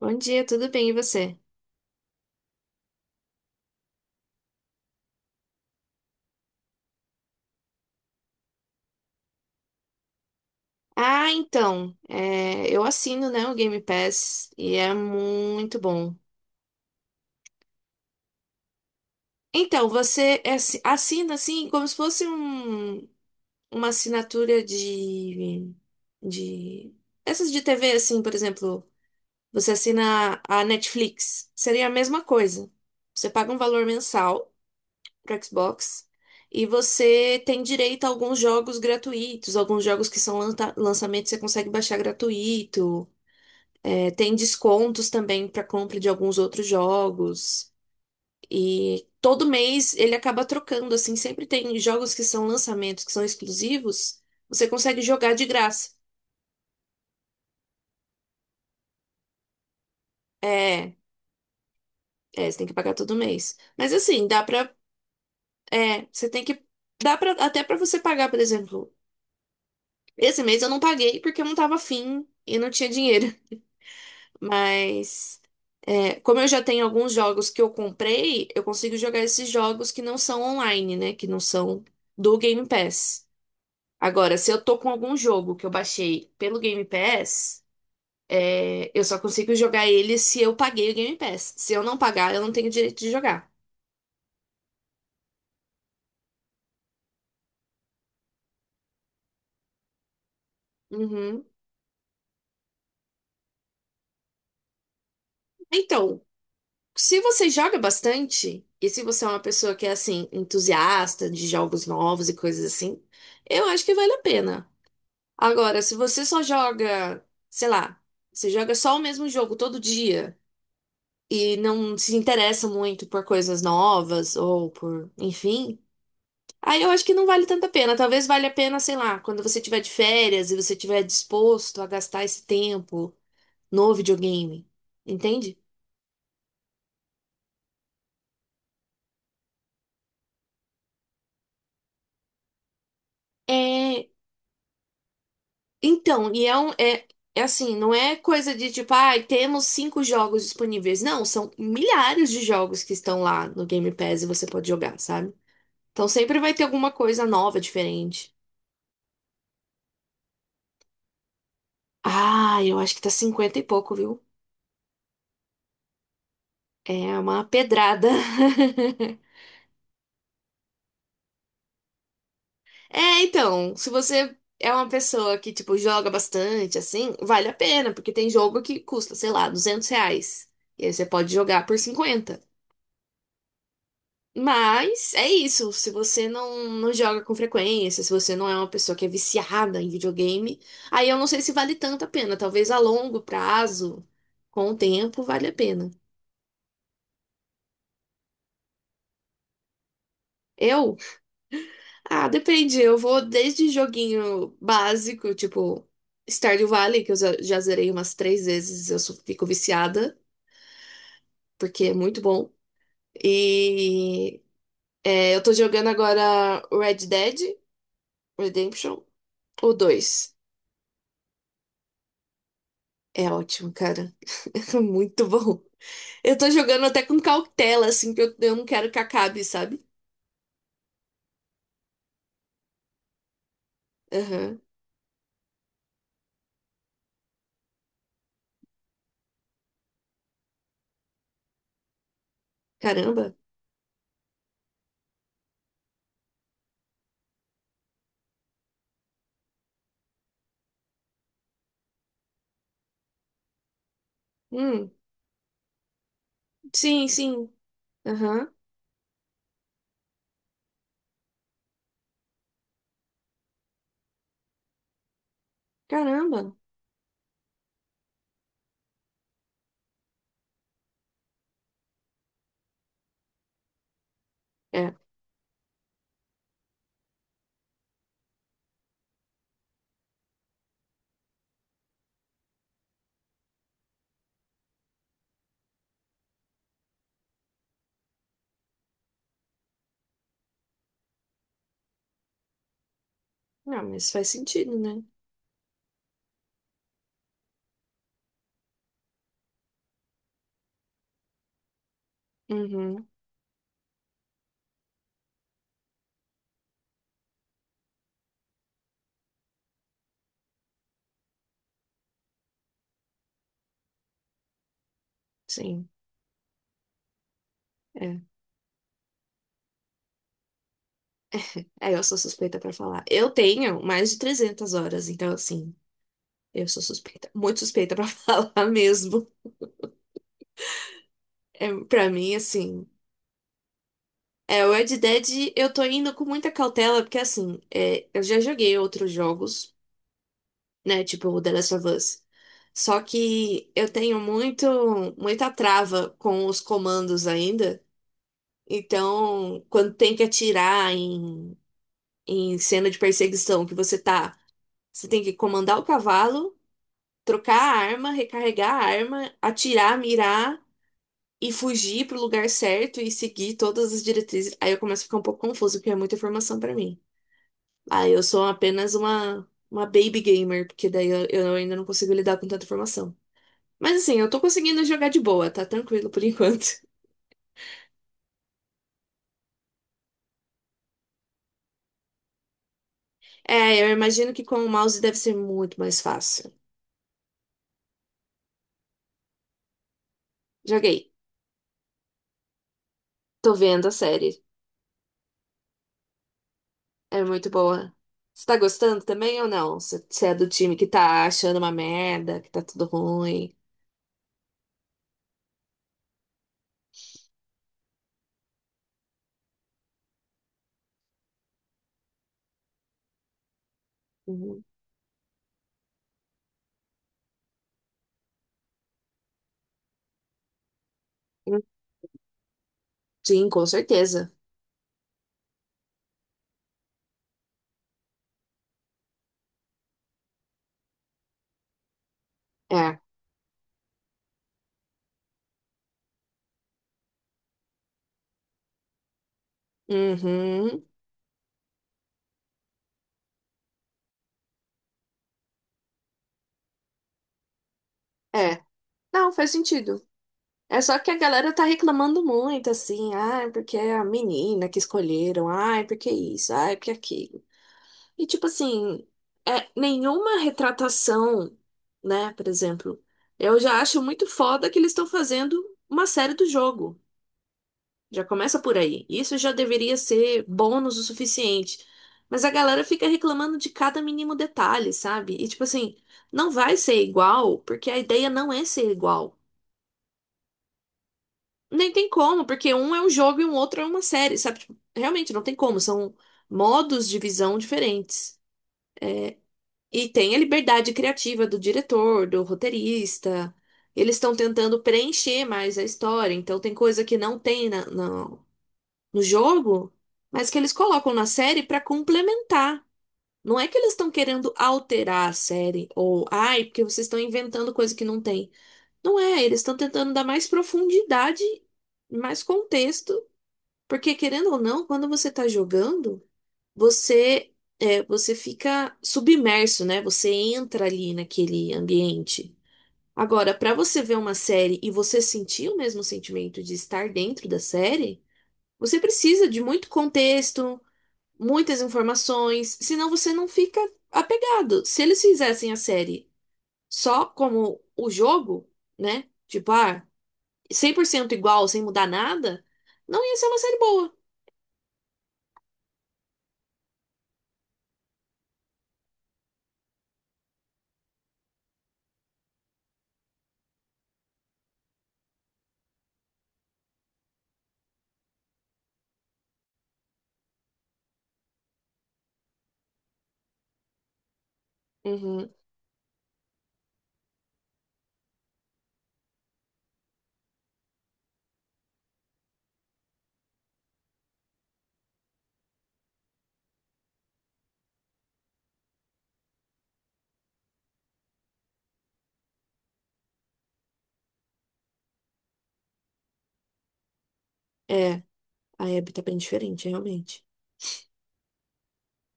Bom dia, tudo bem e você? Ah, então, eu assino, né, o Game Pass e é muito bom. Então, assina assim como se fosse uma assinatura de essas de TV, assim, por exemplo, você assina a Netflix, seria a mesma coisa. Você paga um valor mensal para Xbox e você tem direito a alguns jogos gratuitos, alguns jogos que são lançamentos você consegue baixar gratuito. Tem descontos também para compra de alguns outros jogos. E todo mês ele acaba trocando, assim, sempre tem jogos que são lançamentos, que são exclusivos, você consegue jogar de graça. É, você tem que pagar todo mês. Mas assim, dá pra. É, você tem que. Dá pra, até pra você pagar, por exemplo. Esse mês eu não paguei porque eu não tava afim e não tinha dinheiro. Mas é, como eu já tenho alguns jogos que eu comprei, eu consigo jogar esses jogos que não são online, né? Que não são do Game Pass. Agora, se eu tô com algum jogo que eu baixei pelo Game Pass, eu só consigo jogar ele se eu paguei o Game Pass. Se eu não pagar, eu não tenho direito de jogar. Uhum. Então, se você joga bastante, e se você é uma pessoa que é assim, entusiasta de jogos novos e coisas assim, eu acho que vale a pena. Agora, se você só joga, sei lá, você joga só o mesmo jogo todo dia e não se interessa muito por coisas novas ou por, enfim, aí eu acho que não vale tanta pena. Talvez valha a pena, sei lá, quando você tiver de férias e você tiver disposto a gastar esse tempo no videogame, entende? É, então, é assim, não é coisa de tipo, ai, temos cinco jogos disponíveis. Não, são milhares de jogos que estão lá no Game Pass e você pode jogar, sabe? Então sempre vai ter alguma coisa nova, diferente. Ah, eu acho que tá 50 e pouco, viu? É uma pedrada. É, então, se você é uma pessoa que, tipo, joga bastante, assim, vale a pena, porque tem jogo que custa, sei lá, R$ 200. E aí você pode jogar por 50. Mas é isso, se você não, não joga com frequência, se você não é uma pessoa que é viciada em videogame, aí eu não sei se vale tanto a pena. Talvez a longo prazo, com o tempo, vale a pena. Eu ah, depende. Eu vou desde joguinho básico, tipo Stardew Valley, que eu já zerei umas três vezes, eu só fico viciada, porque é muito bom. E é, eu tô jogando agora Red Dead Redemption, o 2. É ótimo, cara. É muito bom. Eu tô jogando até com cautela, assim, que eu não quero que acabe, sabe? Aham. Caramba. Hum, sim, sim. Aham. Caramba. É. Não, mas faz sentido, né? Uhum, sim. É. É, eu sou suspeita pra falar. Eu tenho mais de 300 horas, então, assim, eu sou suspeita. Muito suspeita pra falar mesmo. É, pra mim, assim. É, o Red Dead eu tô indo com muita cautela, porque, assim, é, eu já joguei outros jogos, né? Tipo o The Last of Us. Só que eu tenho muita trava com os comandos ainda. Então, quando tem que atirar em, em cena de perseguição, que você tá, você tem que comandar o cavalo, trocar a arma, recarregar a arma, atirar, mirar e fugir pro lugar certo e seguir todas as diretrizes. Aí eu começo a ficar um pouco confuso, porque é muita informação pra mim. Aí eu sou apenas uma baby gamer, porque daí eu ainda não consigo lidar com tanta informação. Mas assim, eu tô conseguindo jogar de boa, tá tranquilo por enquanto. É, eu imagino que com o mouse deve ser muito mais fácil. Joguei. Tô vendo a série. É muito boa. Você tá gostando também ou não? Você é do time que tá achando uma merda, que tá tudo ruim. Uhum. Hum, sim, com certeza. É. Uhum. É. Não, faz sentido. É só que a galera tá reclamando muito, assim, ah, porque é a menina que escolheram, ah, porque isso, ah, porque aquilo. E tipo assim, é nenhuma retratação, né? Por exemplo, eu já acho muito foda que eles estão fazendo uma série do jogo. Já começa por aí. Isso já deveria ser bônus o suficiente. Mas a galera fica reclamando de cada mínimo detalhe, sabe? E tipo assim, não vai ser igual, porque a ideia não é ser igual. Nem tem como, porque um é um jogo e um outro é uma série, sabe? Tipo, realmente não tem como, são modos de visão diferentes. E tem a liberdade criativa do diretor, do roteirista. Eles estão tentando preencher mais a história, então tem coisa que não tem no jogo, mas que eles colocam na série para complementar. Não é que eles estão querendo alterar a série, ou ai, porque vocês estão inventando coisa que não tem. Não é, eles estão tentando dar mais profundidade, mais contexto, porque querendo ou não, quando você está jogando, você é, você fica submerso, né? Você entra ali naquele ambiente. Agora, para você ver uma série e você sentir o mesmo sentimento de estar dentro da série, você precisa de muito contexto, muitas informações, senão você não fica apegado. Se eles fizessem a série só como o jogo, né? Tipo, ah, 100% igual, sem mudar nada, não ia ser uma série boa. Uhum. É, a Abby tá bem diferente, realmente.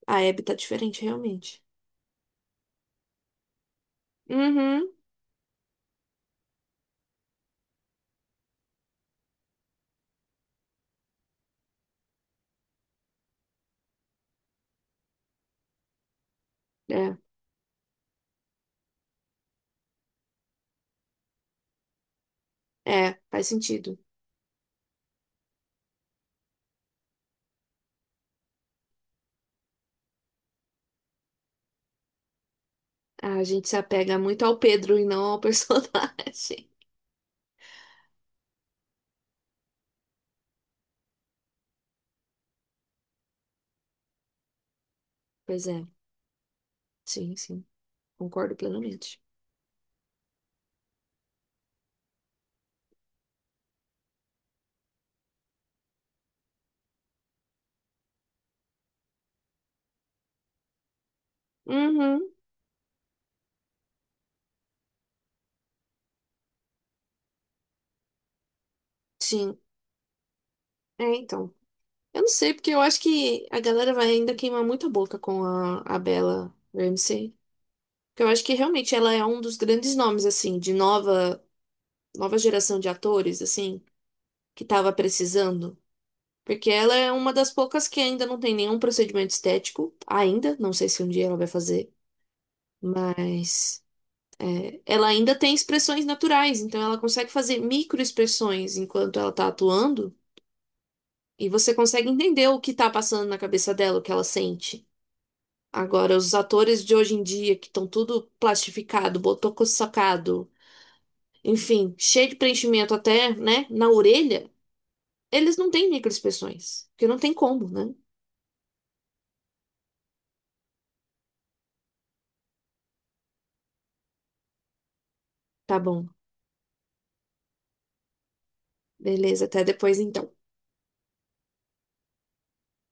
A Abby tá diferente, realmente. Uhum. É, faz sentido. A gente se apega muito ao Pedro e não ao personagem. Pois é, sim, sim, concordo plenamente. Uhum, sim. É, então. Eu não sei, porque eu acho que a galera vai ainda queimar muita boca com a Bella Ramsey. Porque eu acho que realmente ela é um dos grandes nomes, assim, de nova geração de atores, assim, que tava precisando. Porque ela é uma das poucas que ainda não tem nenhum procedimento estético, ainda. Não sei se um dia ela vai fazer, mas é, ela ainda tem expressões naturais, então ela consegue fazer microexpressões enquanto ela tá atuando, e você consegue entender o que tá passando na cabeça dela, o que ela sente. Agora, os atores de hoje em dia, que estão tudo plastificado, botocossacado, enfim, cheio de preenchimento até, né, na orelha, eles não têm microexpressões, porque não tem como, né? Tá bom, beleza, até depois então.